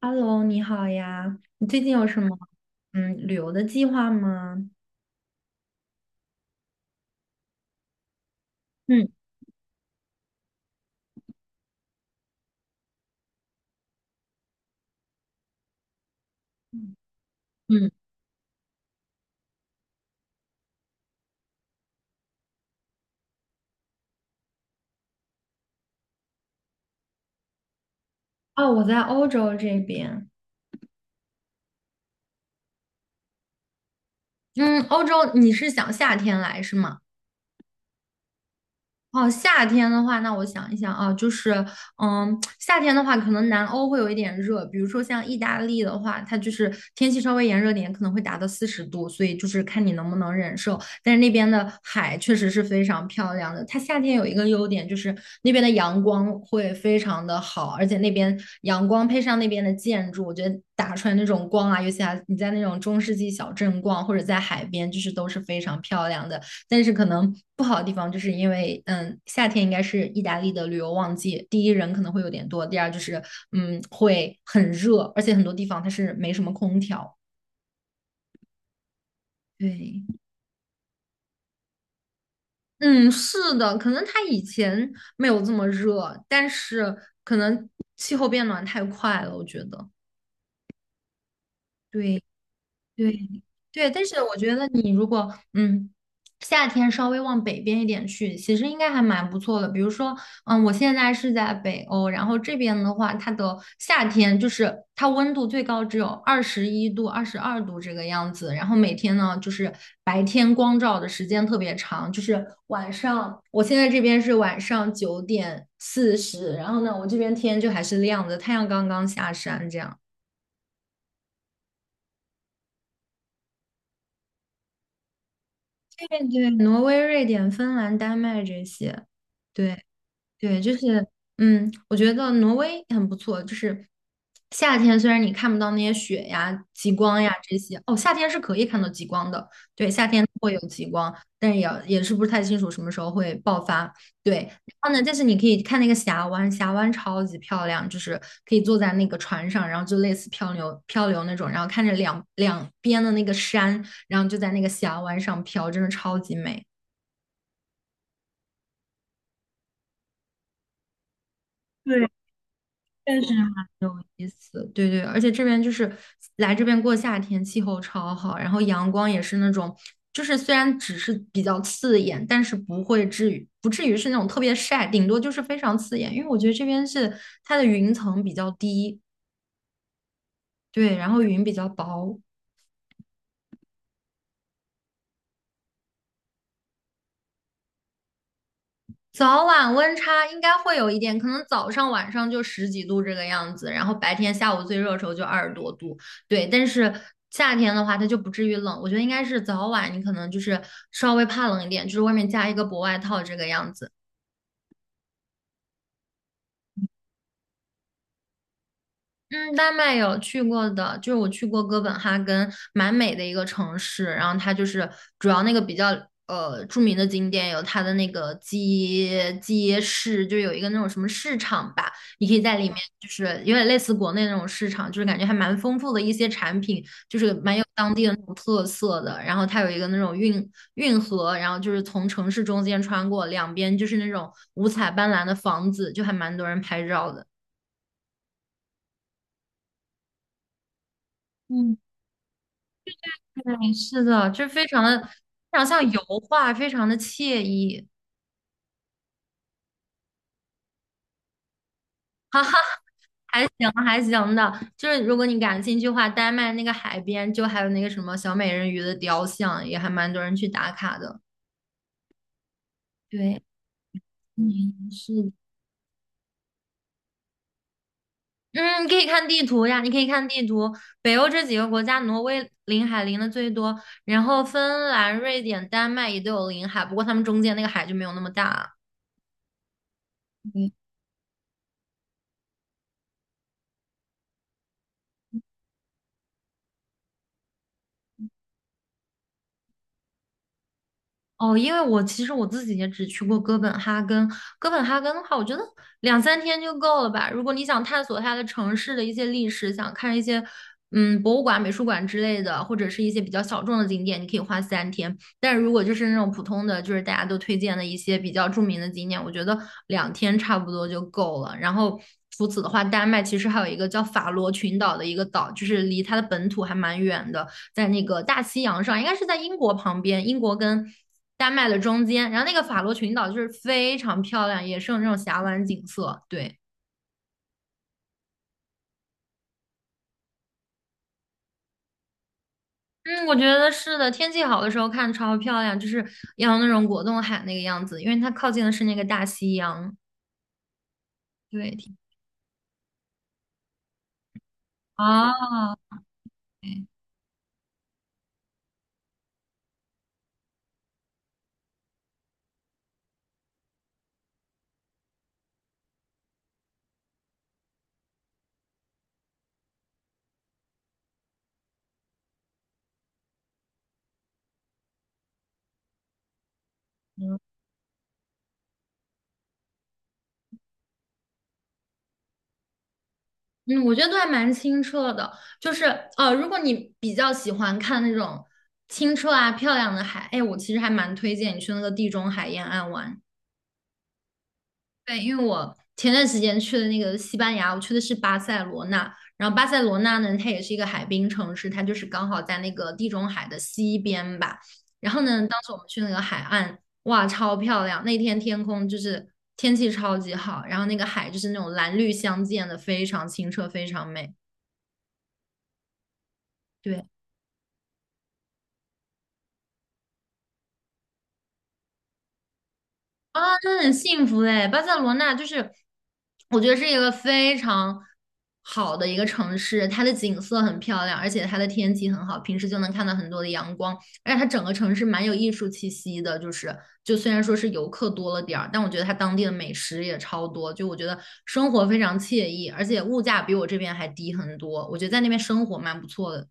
Hello，你好呀，你最近有什么旅游的计划吗？嗯嗯，哦，我在欧洲这边。嗯，欧洲你是想夏天来是吗？哦，夏天的话，那我想一想啊，就是，嗯，夏天的话，可能南欧会有一点热，比如说像意大利的话，它就是天气稍微炎热点，可能会达到40度，所以就是看你能不能忍受。但是那边的海确实是非常漂亮的，它夏天有一个优点就是那边的阳光会非常的好，而且那边阳光配上那边的建筑，我觉得打出来那种光啊，尤其啊你在那种中世纪小镇逛或者在海边，就是都是非常漂亮的。但是可能不好的地方就是因为，夏天应该是意大利的旅游旺季，第一人可能会有点多，第二就是，会很热，而且很多地方它是没什么空调。对，嗯，是的，可能它以前没有这么热，但是可能气候变暖太快了，我觉得。对对对，但是我觉得你如果夏天稍微往北边一点去，其实应该还蛮不错的。比如说，我现在是在北欧，然后这边的话，它的夏天就是它温度最高只有21度、22度这个样子，然后每天呢就是白天光照的时间特别长，就是晚上，我现在这边是晚上9:40，然后呢，我这边天就还是亮的，太阳刚刚下山这样。对对，挪威、瑞典、芬兰、丹麦这些，对，对，就是，我觉得挪威很不错。就是夏天，虽然你看不到那些雪呀、极光呀这些，哦，夏天是可以看到极光的。对，夏天会有极光，但是也是不是太清楚什么时候会爆发。对，然后呢，但是你可以看那个峡湾，峡湾超级漂亮，就是可以坐在那个船上，然后就类似漂流漂流那种，然后看着两边的那个山，然后就在那个峡湾上飘，真的超级美。对，但是。有意思，对对，而且这边就是来这边过夏天，气候超好，然后阳光也是那种，就是虽然只是比较刺眼，但是不会至于不至于是那种特别晒，顶多就是非常刺眼，因为我觉得这边是它的云层比较低，对，然后云比较薄，早晚温差应该会有一点，可能早上晚上就十几度这个样子，然后白天下午最热的时候就二十多度，对。但是夏天的话，它就不至于冷，我觉得应该是早晚你可能就是稍微怕冷一点，就是外面加一个薄外套这个样子。嗯，丹麦有去过的，就是我去过哥本哈根，蛮美的一个城市。然后它就是主要那个比较著名的景点有它的那个街市，就有一个那种什么市场吧，你可以在里面就是有点类似国内那种市场，就是感觉还蛮丰富的一些产品，就是蛮有当地的那种特色的。然后它有一个那种运河，然后就是从城市中间穿过，两边就是那种五彩斑斓的房子，就还蛮多人拍照的。嗯。嗯，是的，就是非常的，非常像油画，非常的惬意，哈哈，还行还行的。就是如果你感兴趣的话，丹麦那个海边就还有那个什么小美人鱼的雕像，也还蛮多人去打卡的。对，嗯，是的嗯，你可以看地图呀，你可以看地图。北欧这几个国家，挪威临海临的最多，然后芬兰、瑞典、丹麦也都有临海，不过他们中间那个海就没有那么大。哦，因为我其实我自己也只去过哥本哈根。哥本哈根的话，我觉得两三天就够了吧。如果你想探索它的城市的一些历史，想看一些博物馆、美术馆之类的，或者是一些比较小众的景点，你可以花三天。但是如果就是那种普通的，就是大家都推荐的一些比较著名的景点，我觉得2天差不多就够了。然后除此的话，丹麦其实还有一个叫法罗群岛的一个岛，就是离它的本土还蛮远的。在那个大西洋上，应该是在英国旁边，英国跟丹麦的中间，然后那个法罗群岛就是非常漂亮，也是有那种峡湾景色。对，嗯，我觉得是的，天气好的时候看超漂亮，就是要那种果冻海那个样子，因为它靠近的是那个大西洋。对，挺啊，对嗯，我觉得都还蛮清澈的，就是如果你比较喜欢看那种清澈啊漂亮的海，哎，我其实还蛮推荐你去那个地中海沿岸玩。对，因为我前段时间去的那个西班牙，我去的是巴塞罗那。然后巴塞罗那呢，它也是一个海滨城市，它就是刚好在那个地中海的西边吧。然后呢，当时我们去那个海岸，哇，超漂亮！那天天空就是天气超级好，然后那个海就是那种蓝绿相间的，非常清澈，非常美。对。啊，那很幸福哎！巴塞罗那就是，我觉得是一个非常好的一个城市，它的景色很漂亮，而且它的天气很好，平时就能看到很多的阳光，而且它整个城市蛮有艺术气息的。就是，就虽然说是游客多了点儿，但我觉得它当地的美食也超多，就我觉得生活非常惬意，而且物价比我这边还低很多，我觉得在那边生活蛮不错的。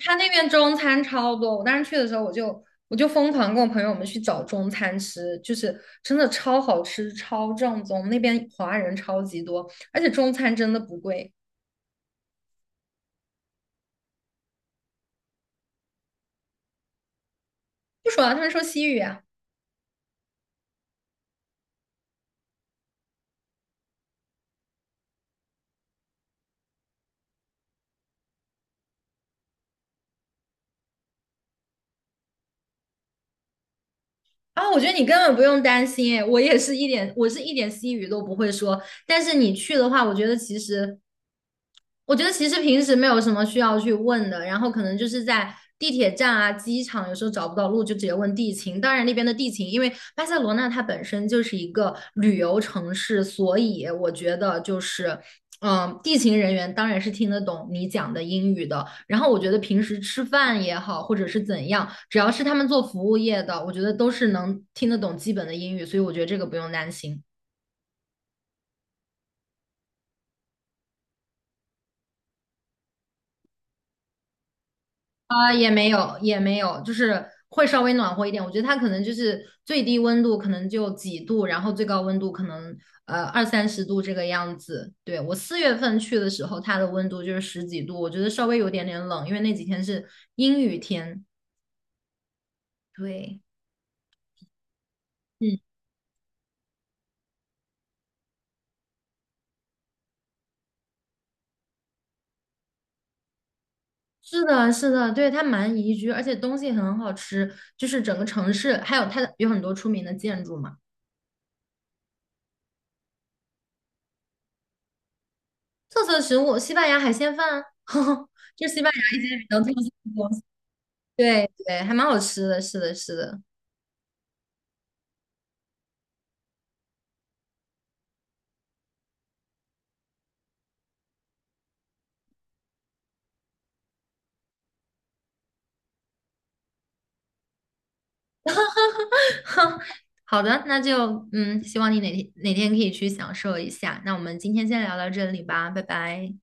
他那边中餐超多，我当时去的时候，我就疯狂跟我朋友们去找中餐吃，就是真的超好吃、超正宗。那边华人超级多，而且中餐真的不贵。不说了，他们说西语啊，啊，我觉得你根本不用担心，哎，我是一点西语都不会说。但是你去的话，我觉得其实平时没有什么需要去问的，然后可能就是在地铁站啊、机场，有时候找不到路就直接问地勤。当然那边的地勤，因为巴塞罗那它本身就是一个旅游城市，所以我觉得就是。地勤人员当然是听得懂你讲的英语的。然后我觉得平时吃饭也好，或者是怎样，只要是他们做服务业的，我觉得都是能听得懂基本的英语，所以我觉得这个不用担心。啊、也没有，也没有，就是会稍微暖和一点。我觉得它可能就是最低温度可能就几度，然后最高温度可能二三十度这个样子。对，我4月份去的时候，它的温度就是十几度，我觉得稍微有点点冷，因为那几天是阴雨天。对。嗯，是的，是的，对，它蛮宜居，而且东西很好吃，就是整个城市，还有它的有很多出名的建筑嘛。特色食物，西班牙海鲜饭啊，这是西班牙一些比较特色的。东西。对对，还蛮好吃的，是的，是的。好的，那就希望你哪天哪天可以去享受一下。那我们今天先聊到这里吧，拜拜。